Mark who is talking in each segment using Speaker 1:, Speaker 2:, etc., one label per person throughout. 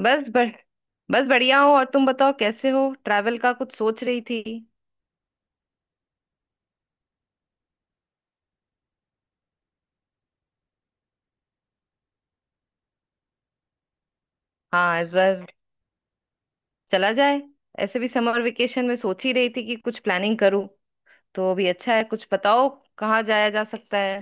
Speaker 1: बस बस बस बढ़िया हो। और तुम बताओ, कैसे हो? ट्रैवल का कुछ सोच रही थी। हाँ, इस बार चला जाए। ऐसे भी समर वेकेशन में सोच ही रही थी कि कुछ प्लानिंग करूँ, तो अभी अच्छा है। कुछ बताओ, कहाँ जाया जा सकता है।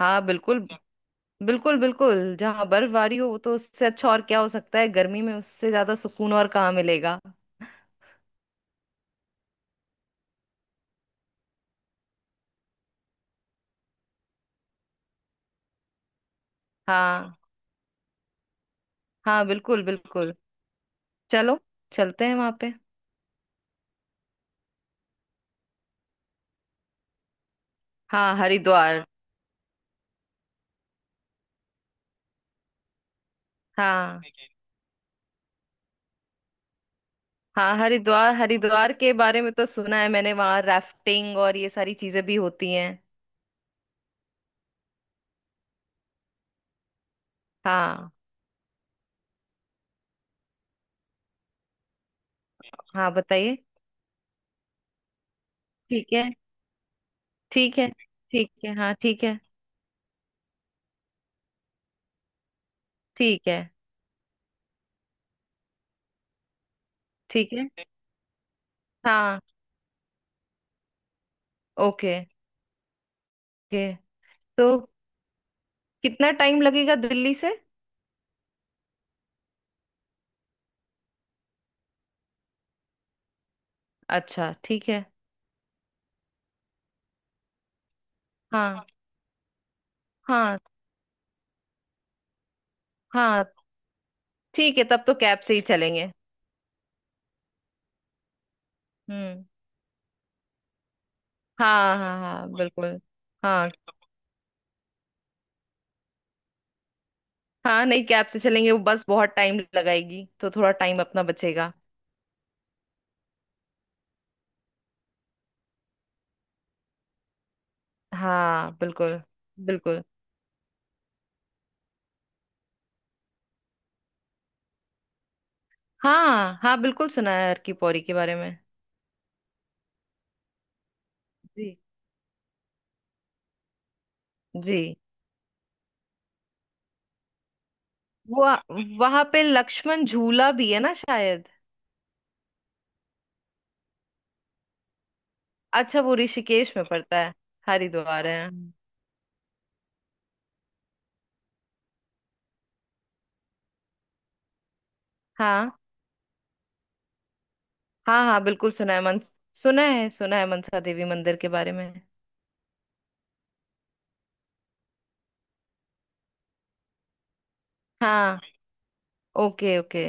Speaker 1: हाँ, बिल्कुल बिल्कुल बिल्कुल। जहाँ बर्फबारी हो, वो तो, उससे अच्छा और क्या हो सकता है। गर्मी में उससे ज्यादा सुकून और कहाँ मिलेगा। हाँ। हाँ बिल्कुल बिल्कुल। चलो, चलते हैं वहां पे। हाँ हरिद्वार। हाँ हाँ हरिद्वार, हरिद्वार के बारे में तो सुना है मैंने। वहाँ राफ्टिंग और ये सारी चीजें भी होती हैं। हाँ। हाँ बताइए। ठीक है। ठीक है। ठीक है हाँ ठीक है। ठीक है। ठीक है। हाँ। ओके। ओके तो कितना टाइम लगेगा दिल्ली से। अच्छा ठीक है। हाँ। हाँ हाँ। ठीक है तब तो कैब से ही चलेंगे। हम्म। हाँ हाँ हाँ बिल्कुल। हाँ हाँ, नहीं, कैब से चलेंगे। वो बस बहुत टाइम लगाएगी, तो थोड़ा टाइम अपना बचेगा। हाँ बिल्कुल बिल्कुल। हाँ हाँ बिल्कुल सुना है अर्की पौरी के बारे में। जी। जी। वो, वहां पे लक्ष्मण झूला भी है ना शायद। अच्छा, वो ऋषिकेश में पड़ता है। हरिद्वार है। हम्म। हाँ हाँ हाँ बिल्कुल सुना है। मन सुना है, सुना है मनसा देवी मंदिर के बारे में। हाँ। Okay okay.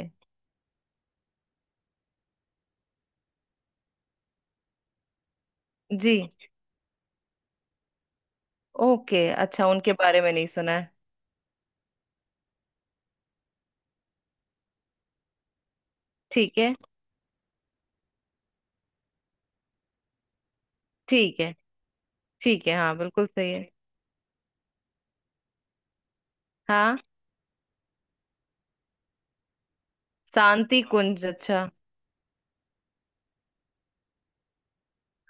Speaker 1: जी। ओके, अच्छा, उनके बारे में नहीं सुना है। ठीक है। ठीक है। ठीक है हाँ बिल्कुल सही है। हाँ। शांति कुंज, अच्छा।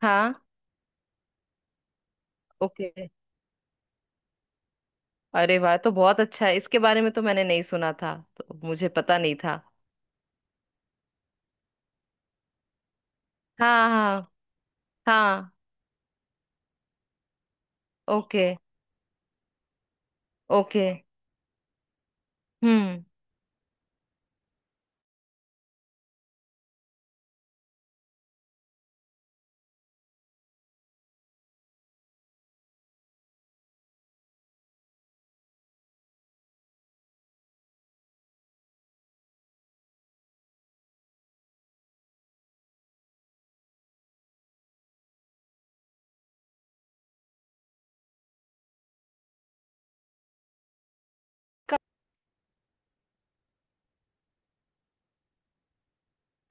Speaker 1: हाँ। ओके। अरे वाह, तो बहुत अच्छा है। इसके बारे में तो मैंने नहीं सुना था, तो मुझे पता नहीं था। हाँ हाँ। हाँ। ओके। ओके। हम्म।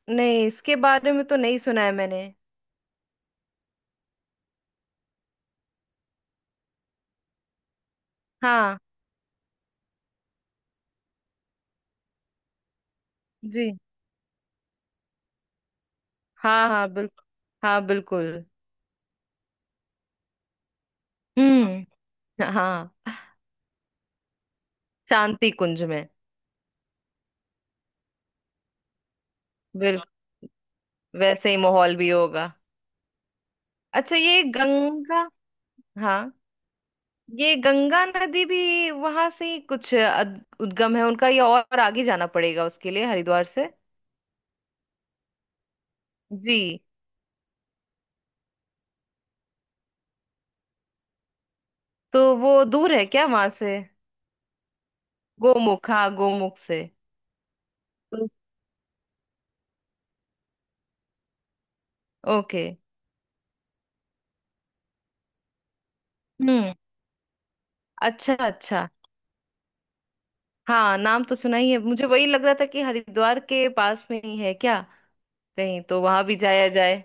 Speaker 1: नहीं, इसके बारे में तो नहीं सुना है मैंने। हाँ। जी। हाँ हाँ बिल्कुल। हाँ बिल्कुल। हम्म। हाँ। शांति कुंज में। बिल्कुल। वैसे ही माहौल भी होगा। अच्छा ये गंगा। हाँ, ये गंगा नदी भी वहां से ही कुछ उद्गम है उनका, या और आगे जाना पड़ेगा उसके लिए हरिद्वार से? जी। तो वो दूर है क्या वहां से? गोमुख, हाँ गोमुख से। ओके। हम्म। अच्छा अच्छा। हाँ नाम तो सुना ही है। मुझे वही लग रहा था कि हरिद्वार के पास में ही है क्या। कहीं तो वहां भी जाया जाए।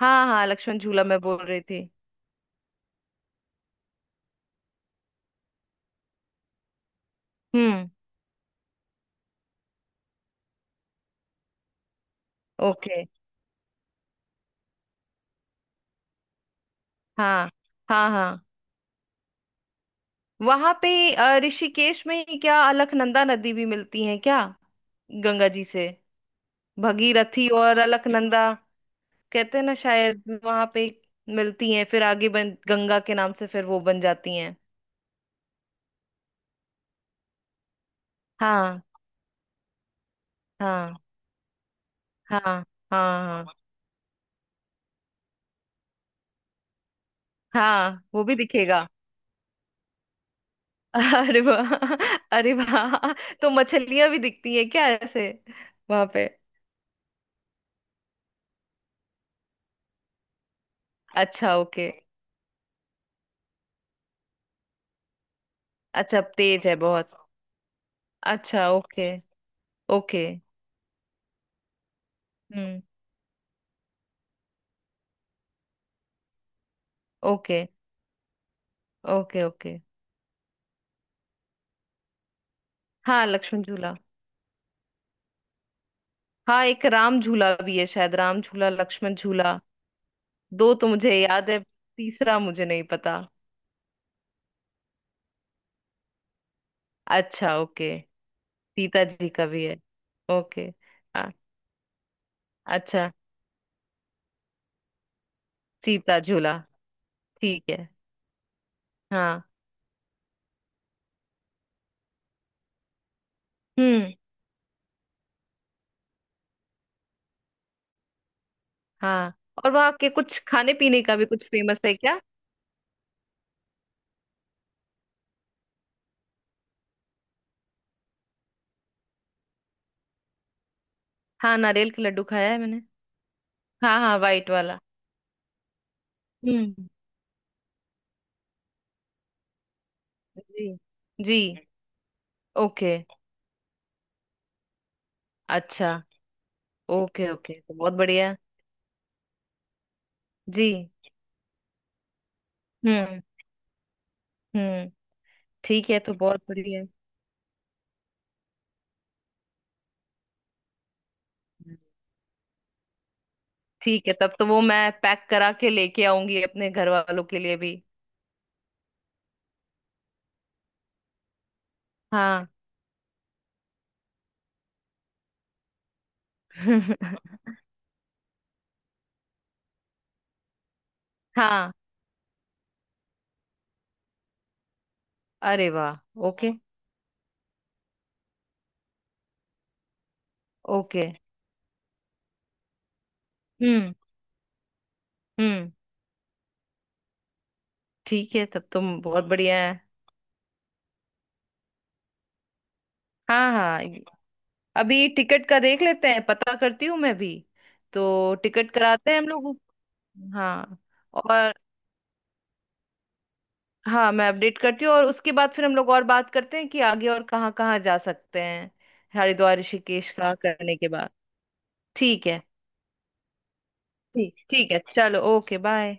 Speaker 1: हाँ हाँ, लक्ष्मण झूला मैं बोल रही थी। हम्म। ओके। हाँ। हाँ हाँ। वहां पे ऋषिकेश में ही क्या अलकनंदा नदी भी मिलती है क्या, गंगा जी से? भगीरथी और अलकनंदा कहते हैं ना शायद। वहां पे मिलती हैं, फिर आगे बन गंगा के नाम से फिर वो बन जाती हैं। हाँ। हाँ। हाँ हाँ हाँ। हाँ, वो भी दिखेगा। अरे वाह। अरे वाह, तो मछलियां भी दिखती हैं क्या ऐसे, वहां पे? अच्छा ओके। अच्छा तेज है बहुत। अच्छा ओके। ओके। हम्म। ओके। Okay okay. हाँ लक्ष्मण झूला। हाँ एक राम झूला भी है शायद, राम झूला लक्ष्मण झूला। दो तो मुझे याद है, तीसरा मुझे नहीं पता। अच्छा ओके। सीता जी का भी है। ओके। आ, अच्छा, सीता झूला। ठीक है। हाँ। हम्म। हाँ, और वहाँ के कुछ खाने पीने का भी कुछ फेमस है क्या? हाँ नारियल के लड्डू खाया है मैंने। हाँ हाँ वाइट वाला। हम्म। जी। जी। ओके। अच्छा। ओके ओके, तो बहुत बढ़िया। जी। हम्म। हम्म। ठीक है, तो बहुत बढ़िया। हम्म। ठीक है, तब तो वो मैं पैक करा के लेके आऊंगी अपने घर वालों के लिए भी। हाँ। हाँ। अरे वाह। ओके। ओके। हम्म। हम्म। ठीक है, तब तो बहुत बढ़िया है। हाँ हाँ, अभी टिकट का देख लेते हैं, पता करती हूँ मैं भी। तो टिकट कराते हैं हम लोग। हाँ। और हाँ, मैं अपडेट करती हूँ। और उसके बाद फिर हम लोग और बात करते हैं कि आगे और कहाँ कहाँ जा सकते हैं, हरिद्वार ऋषिकेश का करने के बाद। ठीक है। ठीक, ठीक है, चलो, ओके बाय।